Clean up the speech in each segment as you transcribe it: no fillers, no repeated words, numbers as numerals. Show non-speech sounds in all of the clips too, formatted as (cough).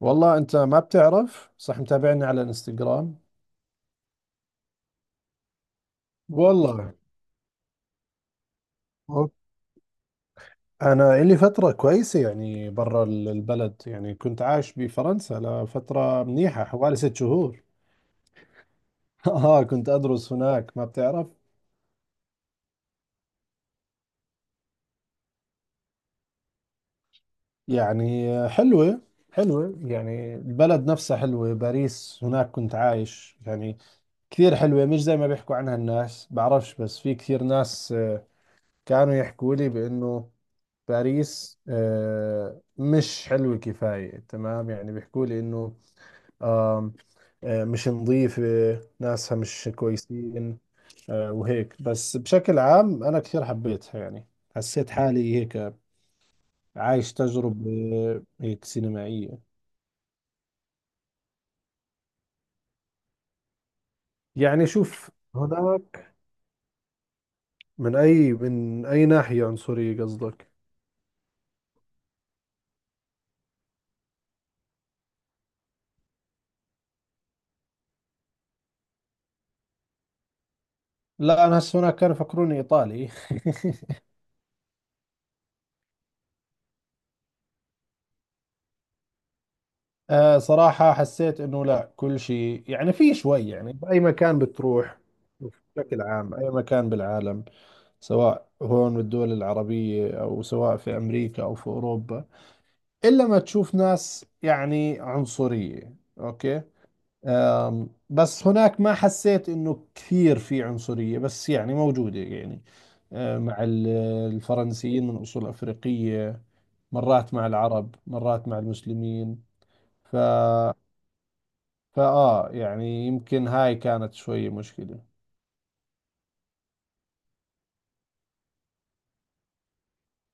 والله انت ما بتعرف، صح؟ متابعني على الانستغرام. والله أوك. انا لي فترة كويسة يعني برا البلد، يعني كنت عايش بفرنسا لفترة منيحة حوالي 6 شهور. (laughs) اه كنت ادرس هناك، ما بتعرف. يعني حلوة، حلوة. يعني البلد نفسها حلوة، باريس، هناك كنت عايش يعني. كثير حلوة، مش زي ما بيحكوا عنها الناس، بعرفش، بس في كثير ناس كانوا يحكوا لي بانه باريس مش حلوة كفاية. تمام، يعني بيحكوا لي إنه آم، مش نظيفة، ناسها مش كويسين. وهيك، بس بشكل عام أنا كثير حبيتها يعني. حسيت حالي هيك عايش تجربة هيك سينمائية. يعني شوف، هناك من أي، من أي ناحية عنصرية قصدك؟ لا، أنا هسه هناك كانوا يفكروني إيطالي. (laughs) آه صراحة حسيت انه لا، كل شيء يعني في شوي يعني بأي مكان بتروح، بشكل عام أي مكان بالعالم، سواء هون بالدول العربية أو سواء في أمريكا أو في أوروبا، إلا ما تشوف ناس يعني عنصرية، أوكي. آم، بس هناك ما حسيت إنه كثير في عنصرية، بس يعني موجودة يعني. آه مع الفرنسيين من أصول أفريقية، مرات مع العرب، مرات مع المسلمين. ف فآه يعني يمكن هاي كانت شوي مشكلة.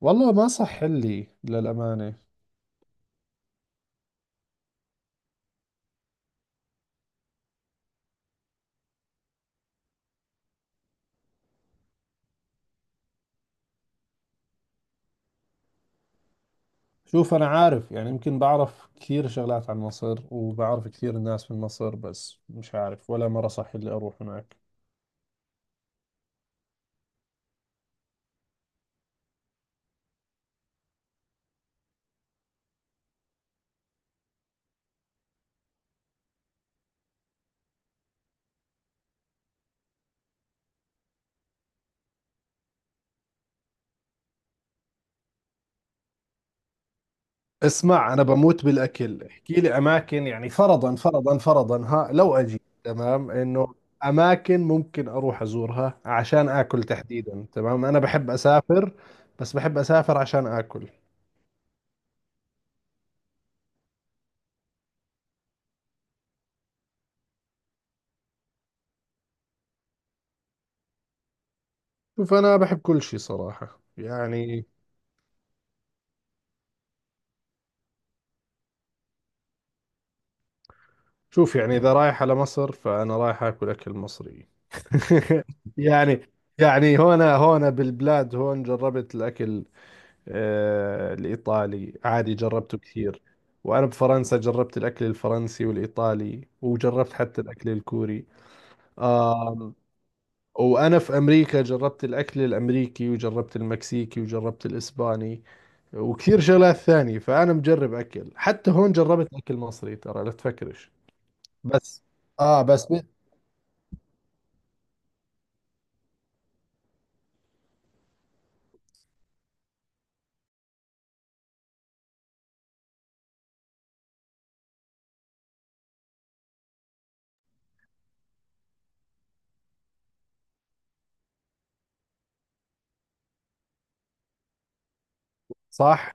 والله ما صح لي، للأمانة. شوف، أنا عارف يعني، يمكن بعرف كثير شغلات عن مصر وبعرف كثير ناس من مصر، بس مش عارف ولا مرة صح لي أروح هناك. اسمع، أنا بموت بالأكل. احكي لي أماكن، يعني فرضا، فرضا، فرضا، ها لو أجي، تمام، إنه أماكن ممكن أروح أزورها عشان آكل تحديدا. تمام، أنا بحب أسافر بس بحب أسافر عشان آكل. شوف، أنا بحب كل شيء صراحة يعني. شوف، يعني إذا رايح على مصر فأنا رايح آكل أكل مصري. (laughs) يعني، يعني هنا بالبلاد هون جربت الأكل، آه الإيطالي عادي جربته كثير. وأنا بفرنسا جربت الأكل الفرنسي والإيطالي، وجربت حتى الأكل الكوري. آم. وأنا في أمريكا جربت الأكل الأمريكي، وجربت المكسيكي، وجربت الإسباني، وكثير شغلات ثانية. فأنا مجرب أكل، حتى هون جربت أكل مصري، ترى لا تفكرش. بس اه، بس صح،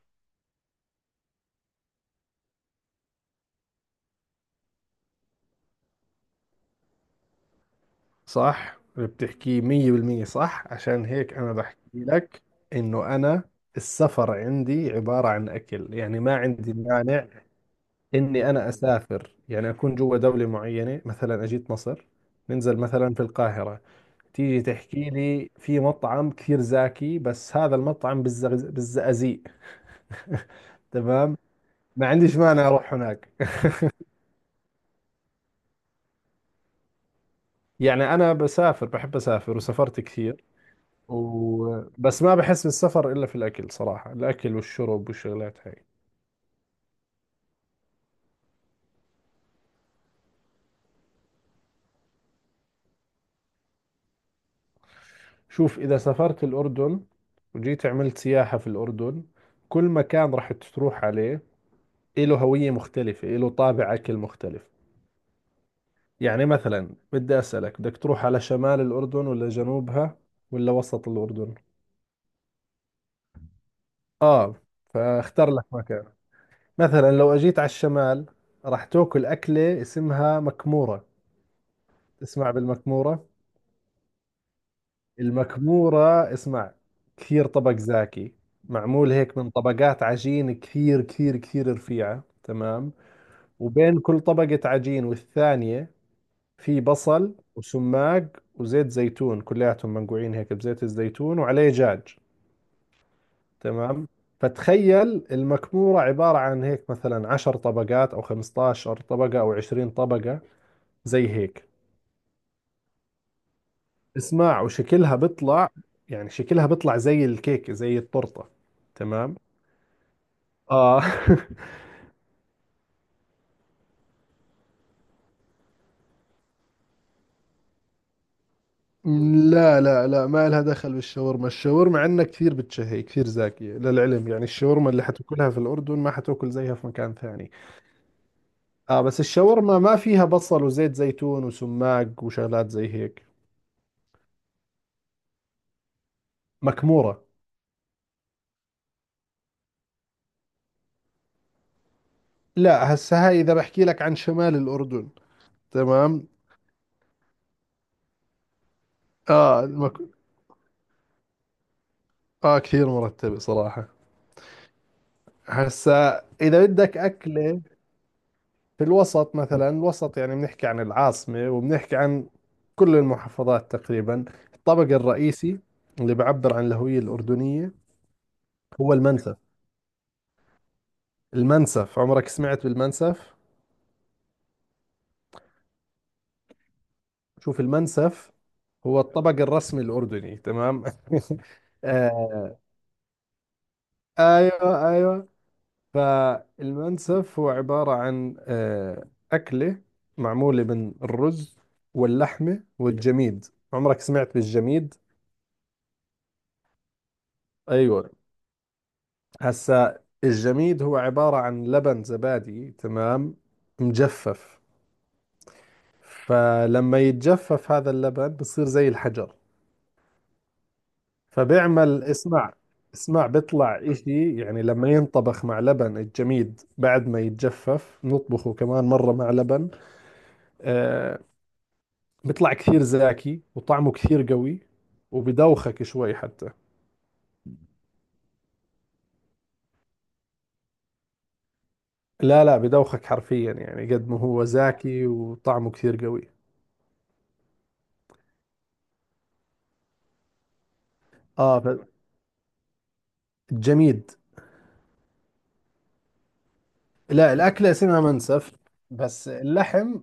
صح بتحكي مية بالمية. صح، عشان هيك أنا بحكي لك إنه أنا السفر عندي عبارة عن أكل، يعني ما عندي مانع إني أنا أسافر يعني أكون جوا دولة معينة، مثلا أجيت مصر، ننزل مثلا في القاهرة، تيجي تحكي لي في مطعم كثير زاكي بس هذا المطعم بالزغز... بالزقازيق. (laughs) تمام، ما عنديش مانع أروح هناك. يعني أنا بسافر، بحب أسافر، وسافرت كثير. بس ما بحس بالسفر إلا في الأكل صراحة، الأكل والشرب والشغلات هاي. شوف، إذا سافرت الأردن وجيت عملت سياحة في الأردن، كل مكان راح تروح عليه إله هوية مختلفة، إله طابع أكل مختلف. يعني مثلا بدي أسألك، بدك تروح على شمال الأردن ولا جنوبها ولا وسط الأردن؟ آه، فاختار لك مكان. مثلا لو أجيت على الشمال، راح تاكل أكلة اسمها مكمورة. تسمع بالمكمورة؟ المكمورة، اسمع، كثير طبق زاكي، معمول هيك من طبقات عجين كثير كثير كثير رفيعة. تمام، وبين كل طبقة عجين والثانية في بصل وسماق وزيت زيتون، كلياتهم منقوعين هيك بزيت الزيتون وعليه جاج. تمام، فتخيل المكمورة عبارة عن هيك مثلا 10 طبقات أو 15 طبقة أو 20 طبقة، زي هيك. اسمع، وشكلها بيطلع، يعني شكلها بيطلع زي الكيك زي التورتة. تمام، اه. (laughs) لا لا لا، ما لها دخل بالشاورما. الشاورما عندنا كثير بتشهي، كثير زاكية للعلم. يعني الشاورما اللي حتاكلها في الأردن ما حتاكل زيها في مكان ثاني. آه بس الشاورما ما فيها بصل وزيت زيتون وسماق وشغلات زي هيك. مكمورة. لا هسه هاي إذا بحكي لك عن شمال الأردن. تمام، آه المك... آه كثير مرتبة صراحة. هسه إذا بدك أكلة في الوسط، مثلا الوسط يعني بنحكي عن العاصمة وبنحكي عن كل المحافظات تقريبا، الطبق الرئيسي اللي بعبر عن الهوية الأردنية هو المنسف. المنسف، عمرك سمعت بالمنسف؟ شوف، المنسف هو الطبق الرسمي الأردني. تمام، (laughs) آه، ايوه ايوه. فالمنسف هو عبارة عن آه أكلة معمولة من الرز واللحمة والجميد. عمرك سمعت بالجميد؟ ايوه، هسا الجميد هو عبارة عن لبن زبادي، تمام، مجفف. فلما يتجفف هذا اللبن بصير زي الحجر. فبيعمل، اسمع، اسمع بيطلع اشي يعني، لما ينطبخ مع لبن الجميد بعد ما يتجفف نطبخه كمان مرة مع لبن. آه، بيطلع كثير زاكي وطعمه كثير قوي، وبدوخك شوي حتى. لا لا، بدوخك حرفيا، يعني قد ما هو زاكي وطعمه كثير قوي. اه الجميد. لا، الأكلة اسمها منسف، بس اللحم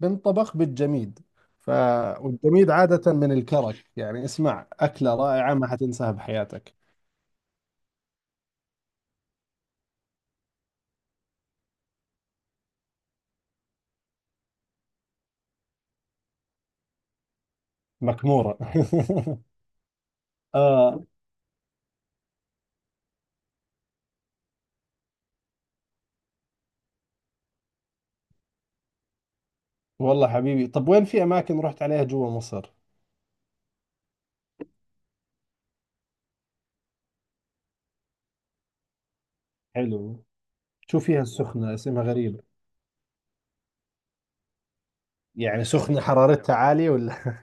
بنطبخ بالجميد. ف... والجميد عادة من الكرك. يعني اسمع، أكلة رائعة ما حتنساها بحياتك. مكمورة. (laughs) آه. والله حبيبي، طب وين في أماكن رحت عليها جوا مصر؟ حلو. شو فيها السخنة، اسمها غريب، يعني سخنة حرارتها عالية ولا؟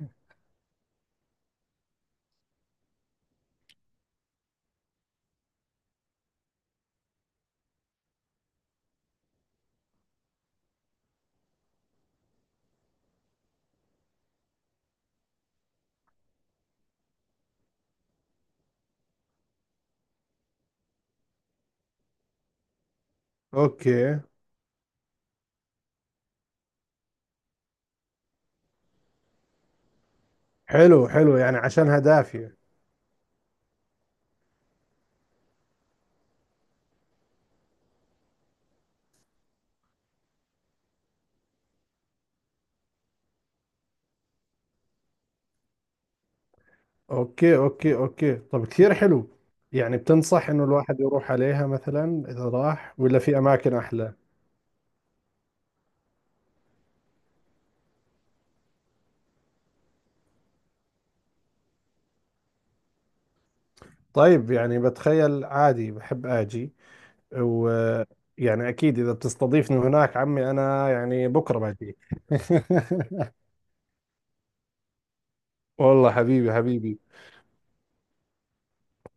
(laughs) اوكي. حلو، حلو، يعني عشانها دافية. اوكي اوكي اوكي، طب كثير حلو. يعني بتنصح انه الواحد يروح عليها مثلا اذا راح، ولا في اماكن احلى؟ طيب يعني بتخيل عادي بحب اجي، و يعني اكيد اذا بتستضيفني هناك عمي، انا يعني بكره باجي. (laughs) والله حبيبي، حبيبي.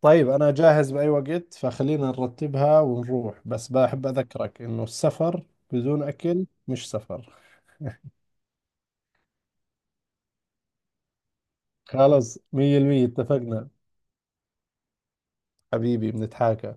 طيب انا جاهز باي وقت، فخلينا نرتبها ونروح، بس بحب اذكرك انه السفر بدون اكل مش سفر. خلاص 100% اتفقنا حبيبي، بنتحاكى.